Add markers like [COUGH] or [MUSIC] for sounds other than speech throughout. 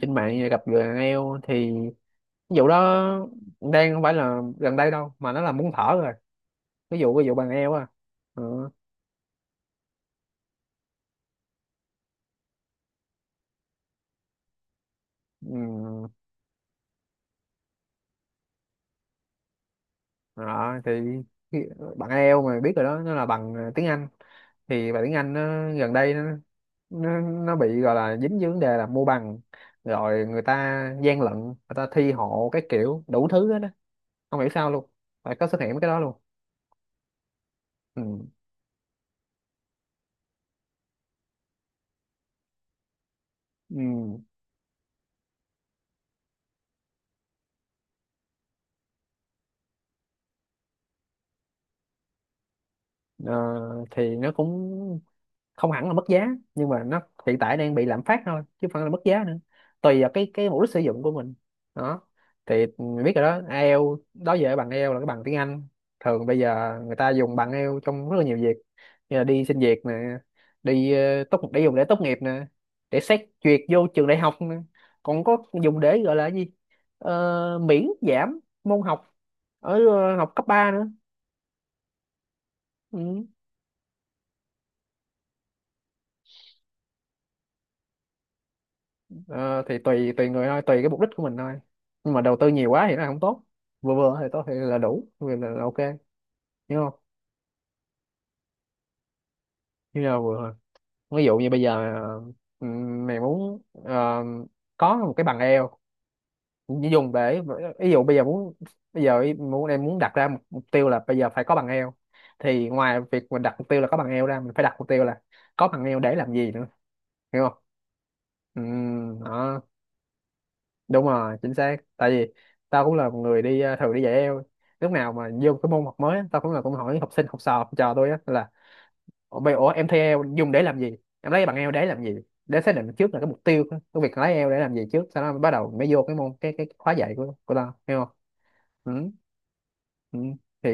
Trên mạng gặp người đàn eo thì ví dụ đó đang không phải là gần đây đâu mà nó là muốn thở rồi, ví dụ bằng eo à. Ừ. Ừ. Đó, thì khi- bạn eo mà biết rồi đó, nó là bằng tiếng Anh, thì bằng tiếng Anh nó, gần đây nó, nó bị gọi là dính với vấn đề là mua bằng, rồi người ta gian lận, người ta thi hộ, cái kiểu đủ thứ hết đó, không hiểu sao luôn phải có xuất hiện mấy cái đó luôn. Ừ. Ừ. Ờ, thì nó cũng không hẳn là mất giá, nhưng mà nó hiện tại đang bị lạm phát thôi chứ không phải là mất giá nữa, tùy vào cái mục đích sử dụng của mình. Đó, thì mình biết rồi đó, ai eo đó giờ, bằng ai eo là cái bằng tiếng Anh. Thường bây giờ người ta dùng bằng ai eo trong rất là nhiều việc, như là đi xin việc nè, đi tốt để dùng để tốt nghiệp nè, để xét duyệt vô trường đại học nè, còn có dùng để gọi là cái gì. Miễn giảm môn học ở học cấp 3 nữa. Ừ. Ờ, thì tùy tùy người thôi, tùy cái mục đích của mình thôi, nhưng mà đầu tư nhiều quá thì nó không tốt. Vừa vừa thì tốt, thì là đủ vừa, là ok. Hiểu không? Như là vừa thôi. Ví dụ như bây giờ, mày muốn có một cái bằng eo dùng để, ví dụ bây giờ muốn, bây giờ ý- muốn em muốn đặt ra một mục tiêu là bây giờ phải có bằng eo, thì ngoài việc mình đặt mục tiêu là có bằng eo ra, mình phải đặt mục tiêu là có bằng eo để làm gì nữa. Hiểu không? Đó, đúng rồi, chính xác. Tại vì tao cũng là một người đi thường đi dạy eo, lúc nào mà vô cái môn học mới á, tao cũng là cũng hỏi học sinh, học trò tôi á, là ủa bây- ủa, em thi eo dùng để làm gì, em lấy bằng eo để làm gì, để xác định trước là cái mục tiêu cái việc lấy eo để làm gì trước, sau đó mới bắt đầu mới vô cái môn, cái khóa dạy của tao. Hiểu không? Ừ. Ừ. Thì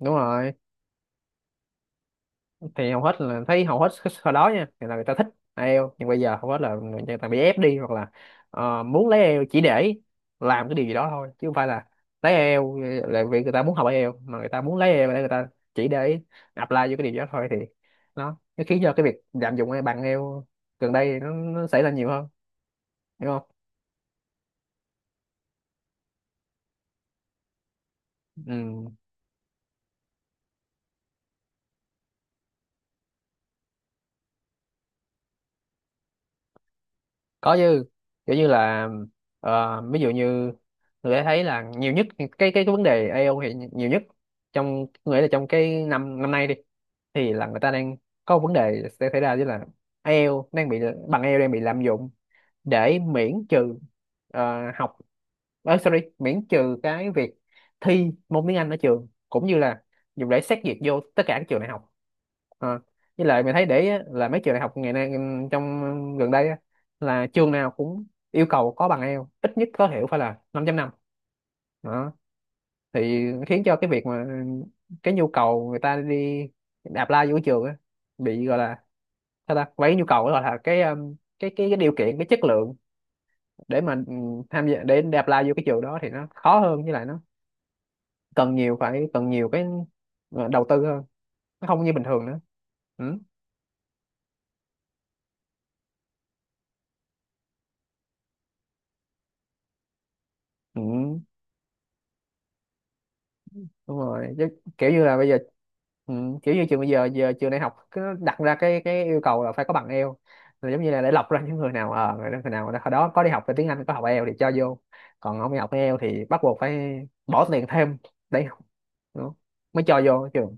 đúng rồi. Thì hầu hết là thấy, hầu hết hồi đó nha, thì là người ta thích ai IELTS, nhưng bây giờ hầu hết là người ta bị ép đi, hoặc là muốn lấy IELTS chỉ để làm cái điều gì đó thôi, chứ không phải là lấy IELTS là vì người ta muốn học ai IELTS, mà người ta muốn lấy IELTS để người ta chỉ để apply vô cái điều gì đó thôi. Thì nó khiến cho cái việc lạm dụng bằng IELTS gần đây nó xảy ra nhiều hơn. Hiểu không? Ừ. Có chứ. Kiểu như là, ví dụ như người ta thấy là nhiều nhất, cái vấn đề AO hiện nhiều nhất trong, nghĩa là trong cái năm năm nay đi, thì là người ta đang có một vấn đề sẽ xảy ra với là IELTS đang bị, bằng IELTS đang bị lạm dụng để miễn trừ, ờ, học sorry, miễn trừ cái việc thi môn tiếng Anh ở trường, cũng như là dùng để xét duyệt vô tất cả các trường đại học. Ờ, với lại mình thấy để ý á, là mấy trường đại học ngày nay trong gần đây á, là trường nào cũng yêu cầu có bằng IELTS ít nhất tối thiểu phải là 5.5. Đó thì khiến cho cái việc mà cái nhu cầu người ta đi apply vô cái trường á, bị gọi là sao ta, mấy nhu cầu gọi là cái, cái điều kiện, cái chất lượng để mà tham gia để apply vô cái trường đó thì nó khó hơn, với lại nó cần nhiều, phải cần nhiều cái đầu tư hơn, nó không như bình thường nữa. Ừ. Ừ. Đúng rồi chứ. Kiểu như là bây giờ. Ừ. Kiểu như trường bây giờ, trường đại học cứ đặt ra cái yêu cầu là phải có bằng Eo, là giống như là để lọc ra những người nào, người nào hồi đó có đi học về tiếng Anh, có học Eo thì cho vô, còn không đi học Eo thì bắt buộc phải bỏ tiền thêm để học, đúng không? Mới cho vô trường.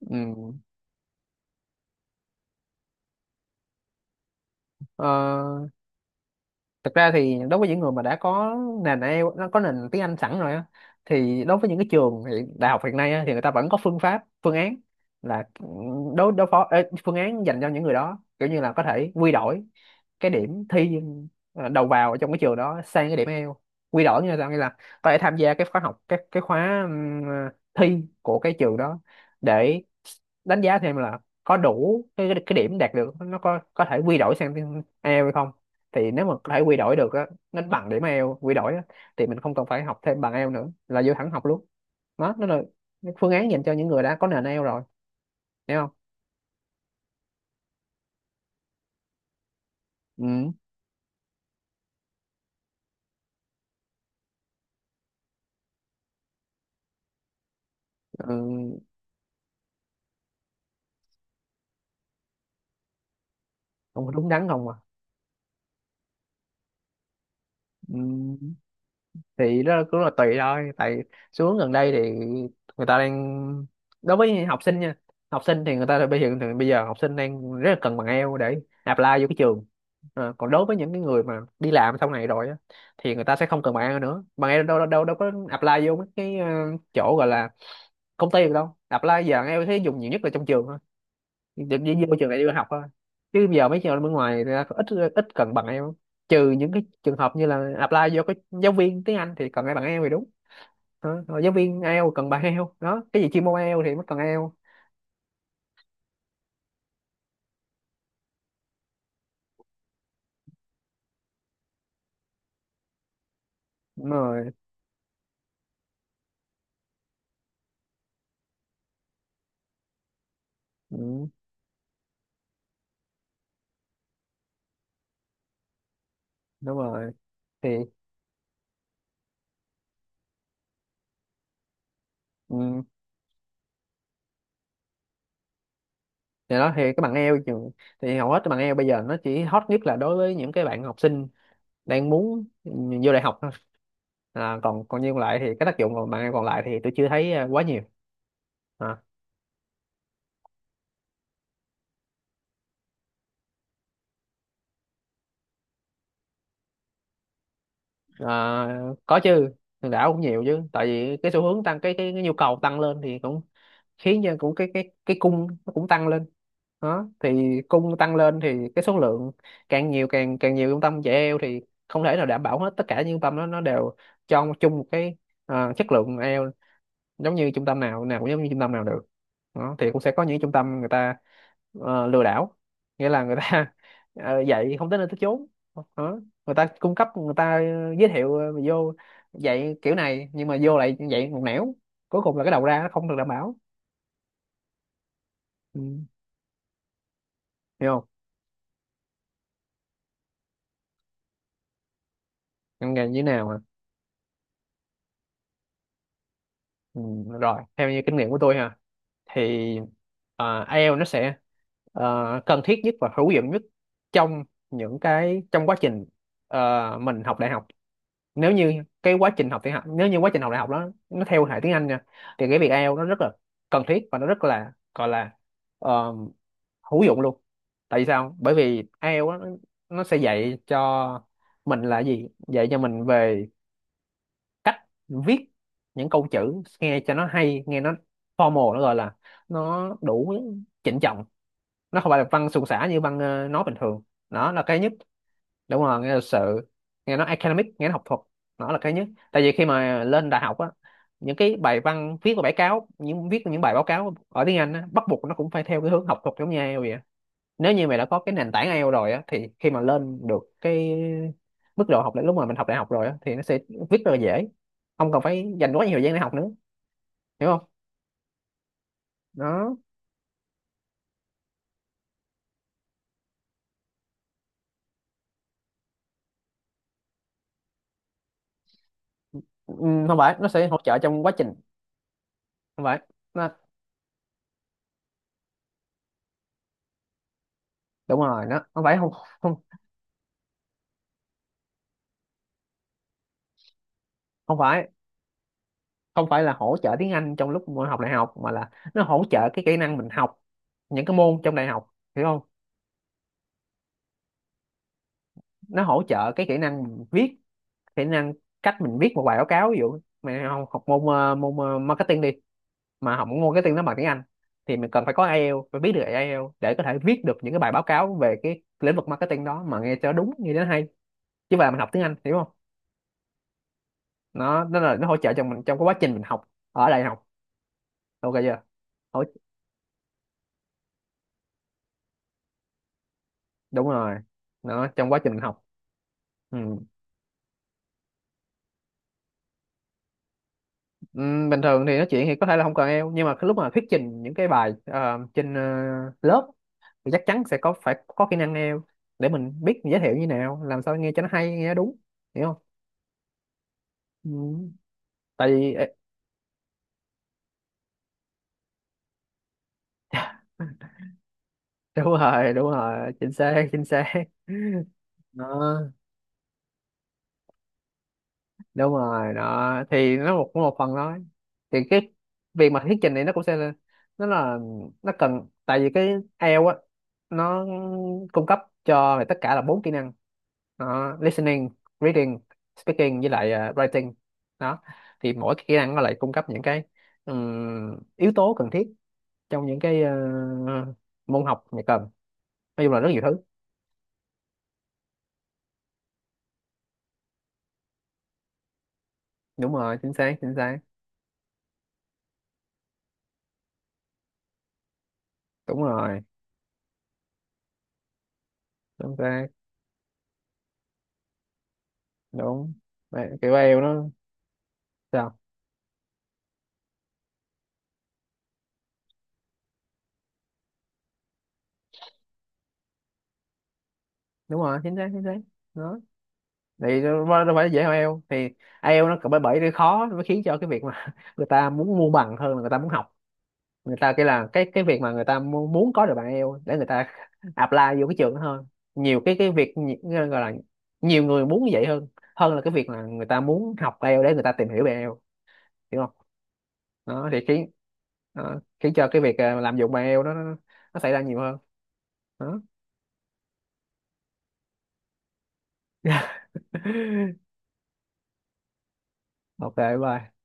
Ừ. Ờ, Thực ra thì đối với những người mà đã có nền IELTS, nó có nền tiếng Anh sẵn rồi á, thì đối với những cái đại học hiện nay á, thì người ta vẫn có phương pháp, phương án là đối đối phó ê, phương án dành cho những người đó, kiểu như là có thể quy đổi cái điểm thi đầu vào ở trong cái trường đó sang cái điểm IELTS. Quy đổi như là sao? Nghĩa là có thể tham gia cái khóa học, cái khóa thi của cái trường đó để đánh giá thêm là có đủ cái điểm đạt được, nó có thể quy đổi sang tiếng IELTS hay không. Thì nếu mà có thể quy đổi được á, nó bằng điểm IELTS quy đổi á, thì mình không cần phải học thêm bằng IELTS nữa, là vô thẳng học luôn. Đó nó là cái phương án dành cho những người đã có nền IELTS rồi. Hiểu không? Ừ. Ừ. Không có đúng đắn không à? Ừ. Thì đó cũng là tùy thôi, tại xu hướng gần đây thì người ta đang, đối với học sinh nha, học sinh thì người ta bây giờ, thì bây giờ học sinh đang rất là cần bằng eo để apply vô cái trường. Còn đối với những cái người mà đi làm sau này rồi á, thì người ta sẽ không cần bằng eo nữa, bằng eo đâu, đâu có apply vô mấy cái chỗ gọi là công ty được đâu. Apply giờ bằng eo thấy dùng nhiều nhất là trong trường thôi, để chỉ vô trường đại đi học thôi. Chứ giờ mấy trường bên ngoài thì ra ít ít cần bằng em, trừ những cái trường hợp như là apply vô cái giáo viên tiếng Anh thì cần cái bằng ai Eo thì đúng. Rồi giáo viên ai Eo cần bằng ai Eo đó, cái gì chuyên môn ai Eo thì mới cần ai Eo. Đúng rồi. Ừ, đúng rồi thì. Ừ. Thì đó thì cái bằng ai Eo thì hầu hết cái bằng ai Eo bây giờ nó chỉ hot nhất là đối với những cái bạn học sinh đang muốn vô đại học thôi. À, còn còn như còn lại thì cái tác dụng còn bằng ai Eo còn lại thì tôi chưa thấy à, quá nhiều. À. Ờ, có chứ, hòn đảo cũng nhiều chứ, tại vì cái xu hướng tăng cái nhu cầu tăng lên thì cũng khiến cho cũng cái cung nó cũng tăng lên. Đó thì cung tăng lên thì cái số lượng càng nhiều, càng càng nhiều trung tâm dạy eo thì không thể nào đảm bảo hết tất cả những trung tâm đó nó đều cho chung một cái chất lượng eo, giống như trung tâm nào nào cũng giống như trung tâm nào được. Đó, thì cũng sẽ có những trung tâm người ta lừa đảo, nghĩa là người ta [LAUGHS] dạy không tới nơi tới chốn. Đó. Người ta cung cấp, người ta giới thiệu vô dạy kiểu này nhưng mà vô lại dạy một nẻo, cuối cùng là cái đầu ra nó không được đảm bảo. Ừ. Hiểu không? Ngành nghề như thế nào mà? Ừ. Rồi theo như kinh nghiệm của tôi ha, thì IELTS nó sẽ cần thiết nhất và hữu dụng nhất trong những cái trong quá trình mình học đại học. Nếu như quá trình học đại học đó nó theo hệ tiếng Anh nha, thì cái việc ai Eo nó rất là cần thiết và nó rất là gọi là ờ, hữu dụng luôn. Tại vì sao? Bởi vì ai Eo á, nó sẽ dạy cho mình là gì, dạy cho mình về cách viết những câu chữ nghe cho nó hay, nghe nó formal, nó gọi là nó đủ chỉnh trọng, nó không phải là văn suôn sả như văn nói bình thường. Đó là cái nhất. Đúng rồi, nghe là sự, nghe nó academic, nghe nó học thuật. Nó là cái nhất, tại vì khi mà lên đại học á, những cái bài văn viết và bài cáo, những viết những bài báo cáo ở tiếng Anh á, bắt buộc nó cũng phải theo cái hướng học thuật giống như IELTS vậy á. Nếu như mày đã có cái nền tảng ai eo rồi á, thì khi mà lên được cái mức độ học lúc mà mình học đại học rồi á, thì nó sẽ viết rất là dễ, không cần phải dành quá nhiều thời gian để học nữa. Hiểu không? nó ừm, không phải, nó sẽ hỗ trợ trong quá trình. Không phải. nó Đúng rồi, nó không phải. Không, không, không phải. Không phải là hỗ trợ tiếng Anh trong lúc mà học đại học, mà là nó hỗ trợ cái kỹ năng mình học những cái môn trong đại học. Hiểu không? Nó hỗ trợ cái kỹ năng mình viết, kỹ năng cách mình viết một bài báo cáo. Ví dụ mày học môn môn marketing đi, mà học môn marketing nó bằng tiếng Anh, thì mình cần phải có IELTS, phải biết được IELTS để có thể viết được những cái bài báo cáo về cái lĩnh vực marketing đó mà nghe cho đúng, nghe cho nó hay, chứ mà mình học tiếng Anh. Hiểu không? Nó hỗ trợ cho mình trong cái quá trình mình học ở đại học. Ok chưa? Hỗ- Đúng rồi, nó trong quá trình mình học. Ừ. Bình thường thì nói chuyện thì có thể là không cần eo, nhưng mà cái lúc mà thuyết trình những cái bài trên lớp thì chắc chắn sẽ có, phải có kỹ năng eo để mình biết mình giới thiệu như nào, làm sao nghe cho nó hay, nghe nó đúng. Hiểu không? Ừm, tại vì [LAUGHS] đúng rồi, đúng rồi, chính xác, chính xác. [LAUGHS] Đó. Đúng rồi đó, thì nó một, cũng một phần đó, thì cái việc mà thuyết trình này nó cũng sẽ nó là, nó cần, tại vì cái IELTS á, nó cung cấp cho mày tất cả là 4 kỹ năng đó: listening, reading, speaking với lại writing. Đó. Thì mỗi cái kỹ năng nó lại cung cấp những cái yếu tố cần thiết trong những cái môn học mày cần. Nói chung là rất nhiều thứ. Đúng rồi, chính xác, chính xác. Đúng rồi, chính xác. Đúng. Vậy, kiểu IELTS nó sao? Đúng rồi, chính xác, chính xác. Đó thì đâu phải, đâu phải dễ hơn ai eo thì ai eo nó, bởi bởi cái khó nó mới khiến cho cái việc mà [LAUGHS] người ta muốn mua bằng hơn là người ta muốn học. Người ta cái là cái việc mà người ta muốn có được bằng ai eo để người ta [LAUGHS] apply vô cái trường đó hơn. Nhiều cái việc nhi- gọi là Nhiều người muốn như vậy hơn, hơn là cái việc là người ta muốn học ai eo để người ta tìm hiểu về ai eo. Hiểu không? đó thì khiến Đó, khiến cho cái việc lạm dụng bằng ai eo đó, nó xảy ra nhiều hơn. Đó. [LAUGHS] Ok, bye.